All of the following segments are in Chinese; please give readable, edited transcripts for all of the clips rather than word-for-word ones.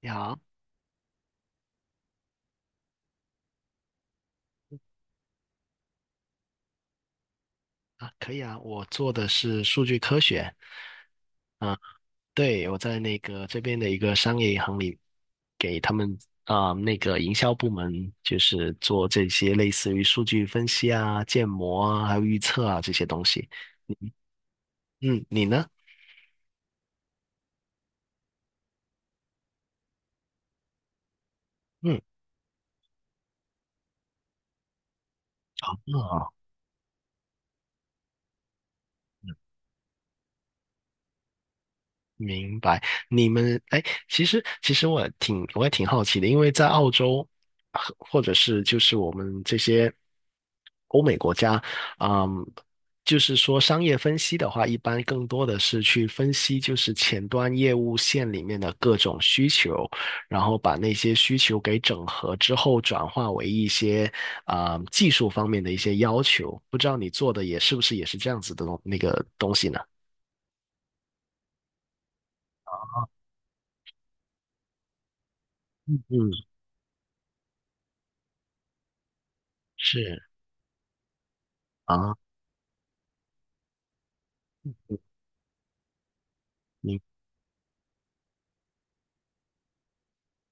你好。啊，可以啊，我做的是数据科学啊。对，我在这边的一个商业银行里，给他们营销部门，就是做这些类似于数据分析啊、建模啊、还有预测啊这些东西。嗯，你呢？嗯，啊明白。你们哎，其实我也挺好奇的，因为在澳洲，啊或者是我们这些欧美国家，嗯，就是说商业分析的话，一般更多的是去分析前端业务线里面的各种需求，然后把那些需求给整合之后，转化为一些啊、技术方面的一些要求。不知道你做的也是不是也是这样子的那个东西呢？嗯，是啊。明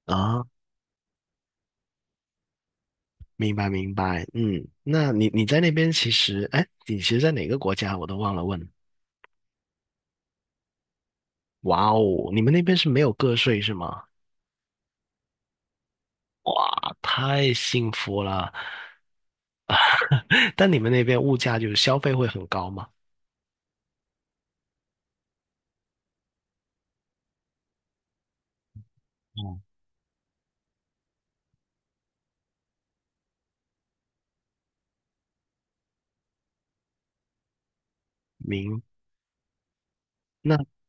啊，明白明白。嗯，那你在那边其实，哎，你其实在哪个国家我都忘了问。哇哦，你们那边是没有个税是吗？哇，太幸福了。但你们那边物价就是消费会很高吗？哦，明，那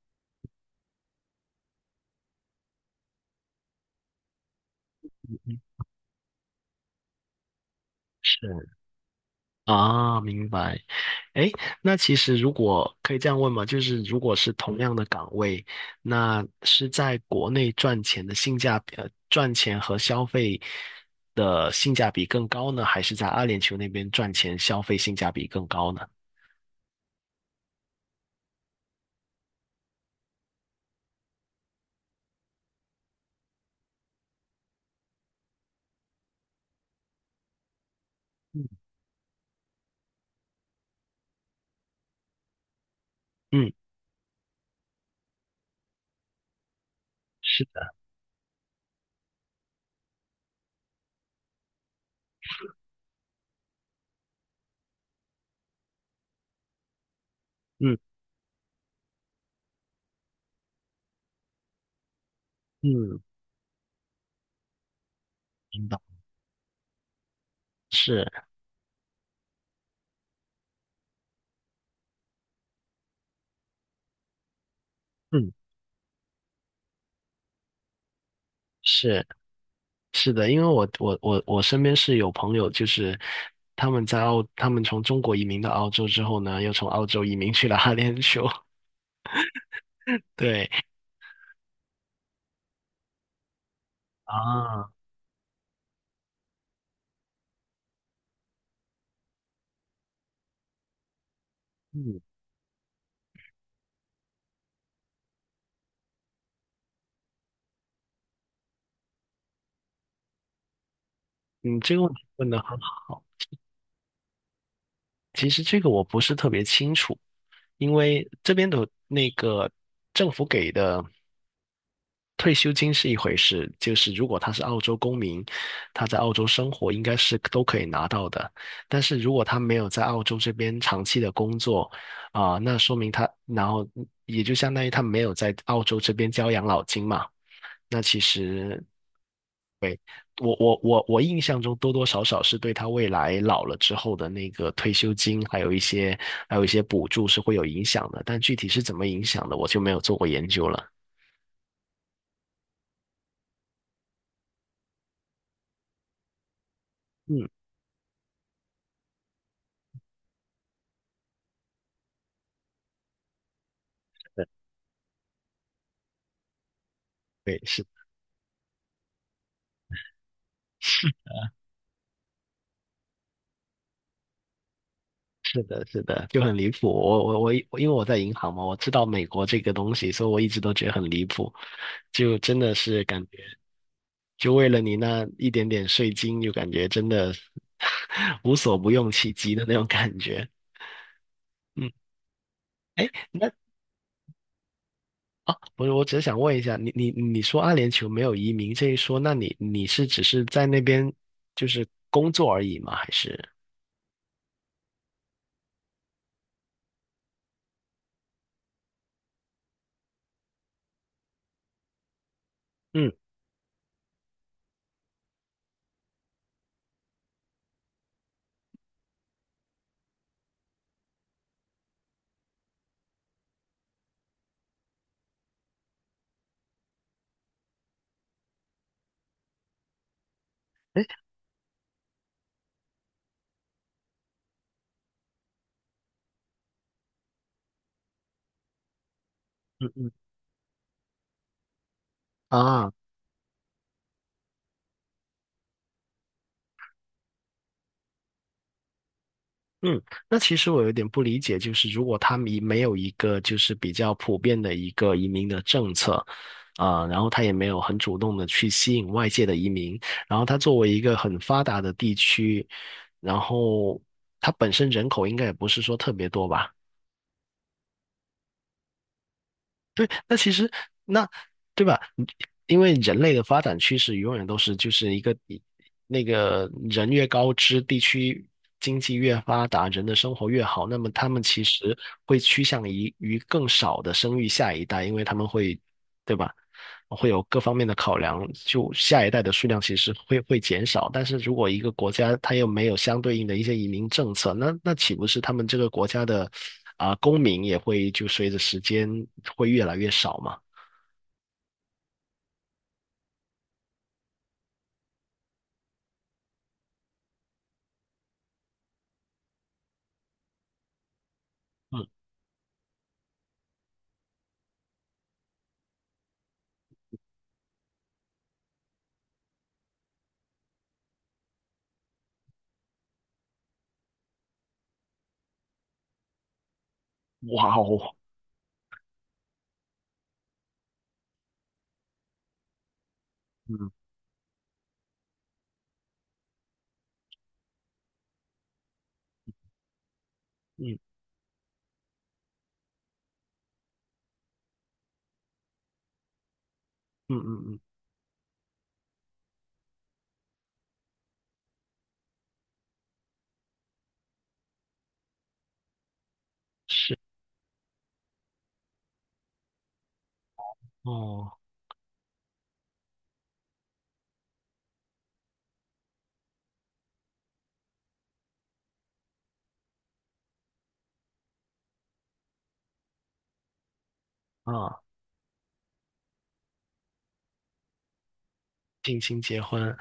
是。啊，明白。哎，那其实如果可以这样问嘛，就是如果是同样的岗位，那是在国内赚钱的性价比，赚钱和消费的性价比更高呢，还是在阿联酋那边赚钱消费性价比更高呢？嗯嗯，是的，嗯嗯，明白，是，嗯，是，是的，因为我身边是有朋友，就是他们在澳，他们从中国移民到澳洲之后呢，又从澳洲移民去了阿联酋，对啊，嗯，嗯，这个问题问的很好。其实这个我不是特别清楚，因为这边的那个政府给的退休金是一回事，就是如果他是澳洲公民，他在澳洲生活应该是都可以拿到的。但是如果他没有在澳洲这边长期的工作，啊、那说明他，然后也就相当于他没有在澳洲这边交养老金嘛。那其实我印象中多多少少是对他未来老了之后的那个退休金，还有一些还有一些补助是会有影响的，但具体是怎么影响的，我就没有做过研究了。嗯，对，对是，是的，是的，就很离谱。我，因为我在银行嘛，我知道美国这个东西，所以我一直都觉得很离谱，就真的是感觉，就为了你那一点点税金，就感觉真的 无所不用其极的那种感觉。嗯，哎，那啊，不是，我只是想问一下，你说阿联酋没有移民这一说，那你是只是在那边就是工作而已吗？还是嗯，哎，嗯嗯啊，嗯，那其实我有点不理解，就是如果他们移没有一个就是比较普遍的一个移民的政策，啊、然后他也没有很主动的去吸引外界的移民，然后他作为一个很发达的地区，然后它本身人口应该也不是说特别多吧？对，那其实，那，对吧？你因为人类的发展趋势永远都是一个一那个人越高知，地区经济越发达，人的生活越好，那么他们其实会趋向于更少的生育下一代，因为他们会，对吧？会有各方面的考量，就下一代的数量其实会减少。但是如果一个国家它又没有相对应的一些移民政策，那那岂不是他们这个国家的啊、公民也会就随着时间会越来越少嘛？嗯，哇哦，嗯嗯嗯嗯嗯，是，哦，啊，近亲结婚。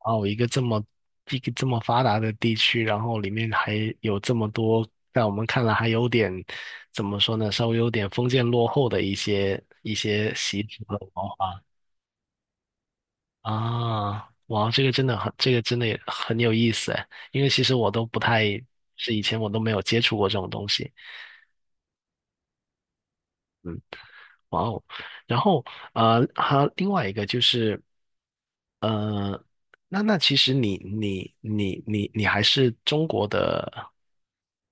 哦，一个这么一个这么发达的地区，然后里面还有这么多，在我们看来还有点怎么说呢，稍微有点封建落后的一些一些习俗和文化啊。哇，这个真的很，这个真的也很有意思诶，因为其实我都不太是以前我都没有接触过这种东西。嗯，哇哦，然后还有另外一个就是。呃，那那其实你还是中国的，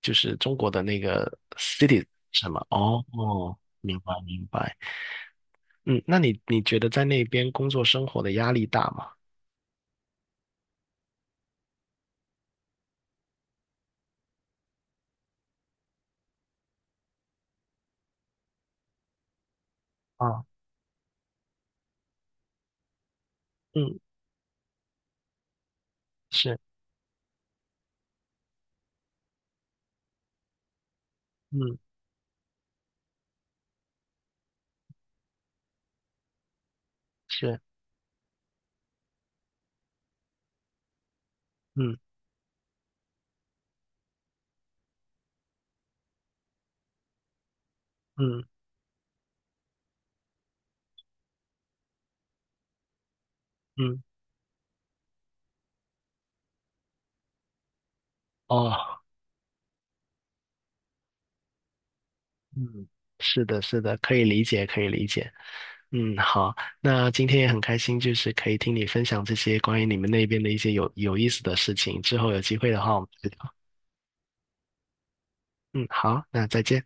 就是中国的那个 city 什么？哦哦，明白明白。嗯，那你觉得在那边工作生活的压力大吗？啊，嗯，是，嗯，是，嗯嗯嗯，哦，嗯，是的，是的，可以理解，可以理解。嗯，好，那今天也很开心，就是可以听你分享这些关于你们那边的一些有意思的事情。之后有机会的话，我们再聊。嗯，好，那再见。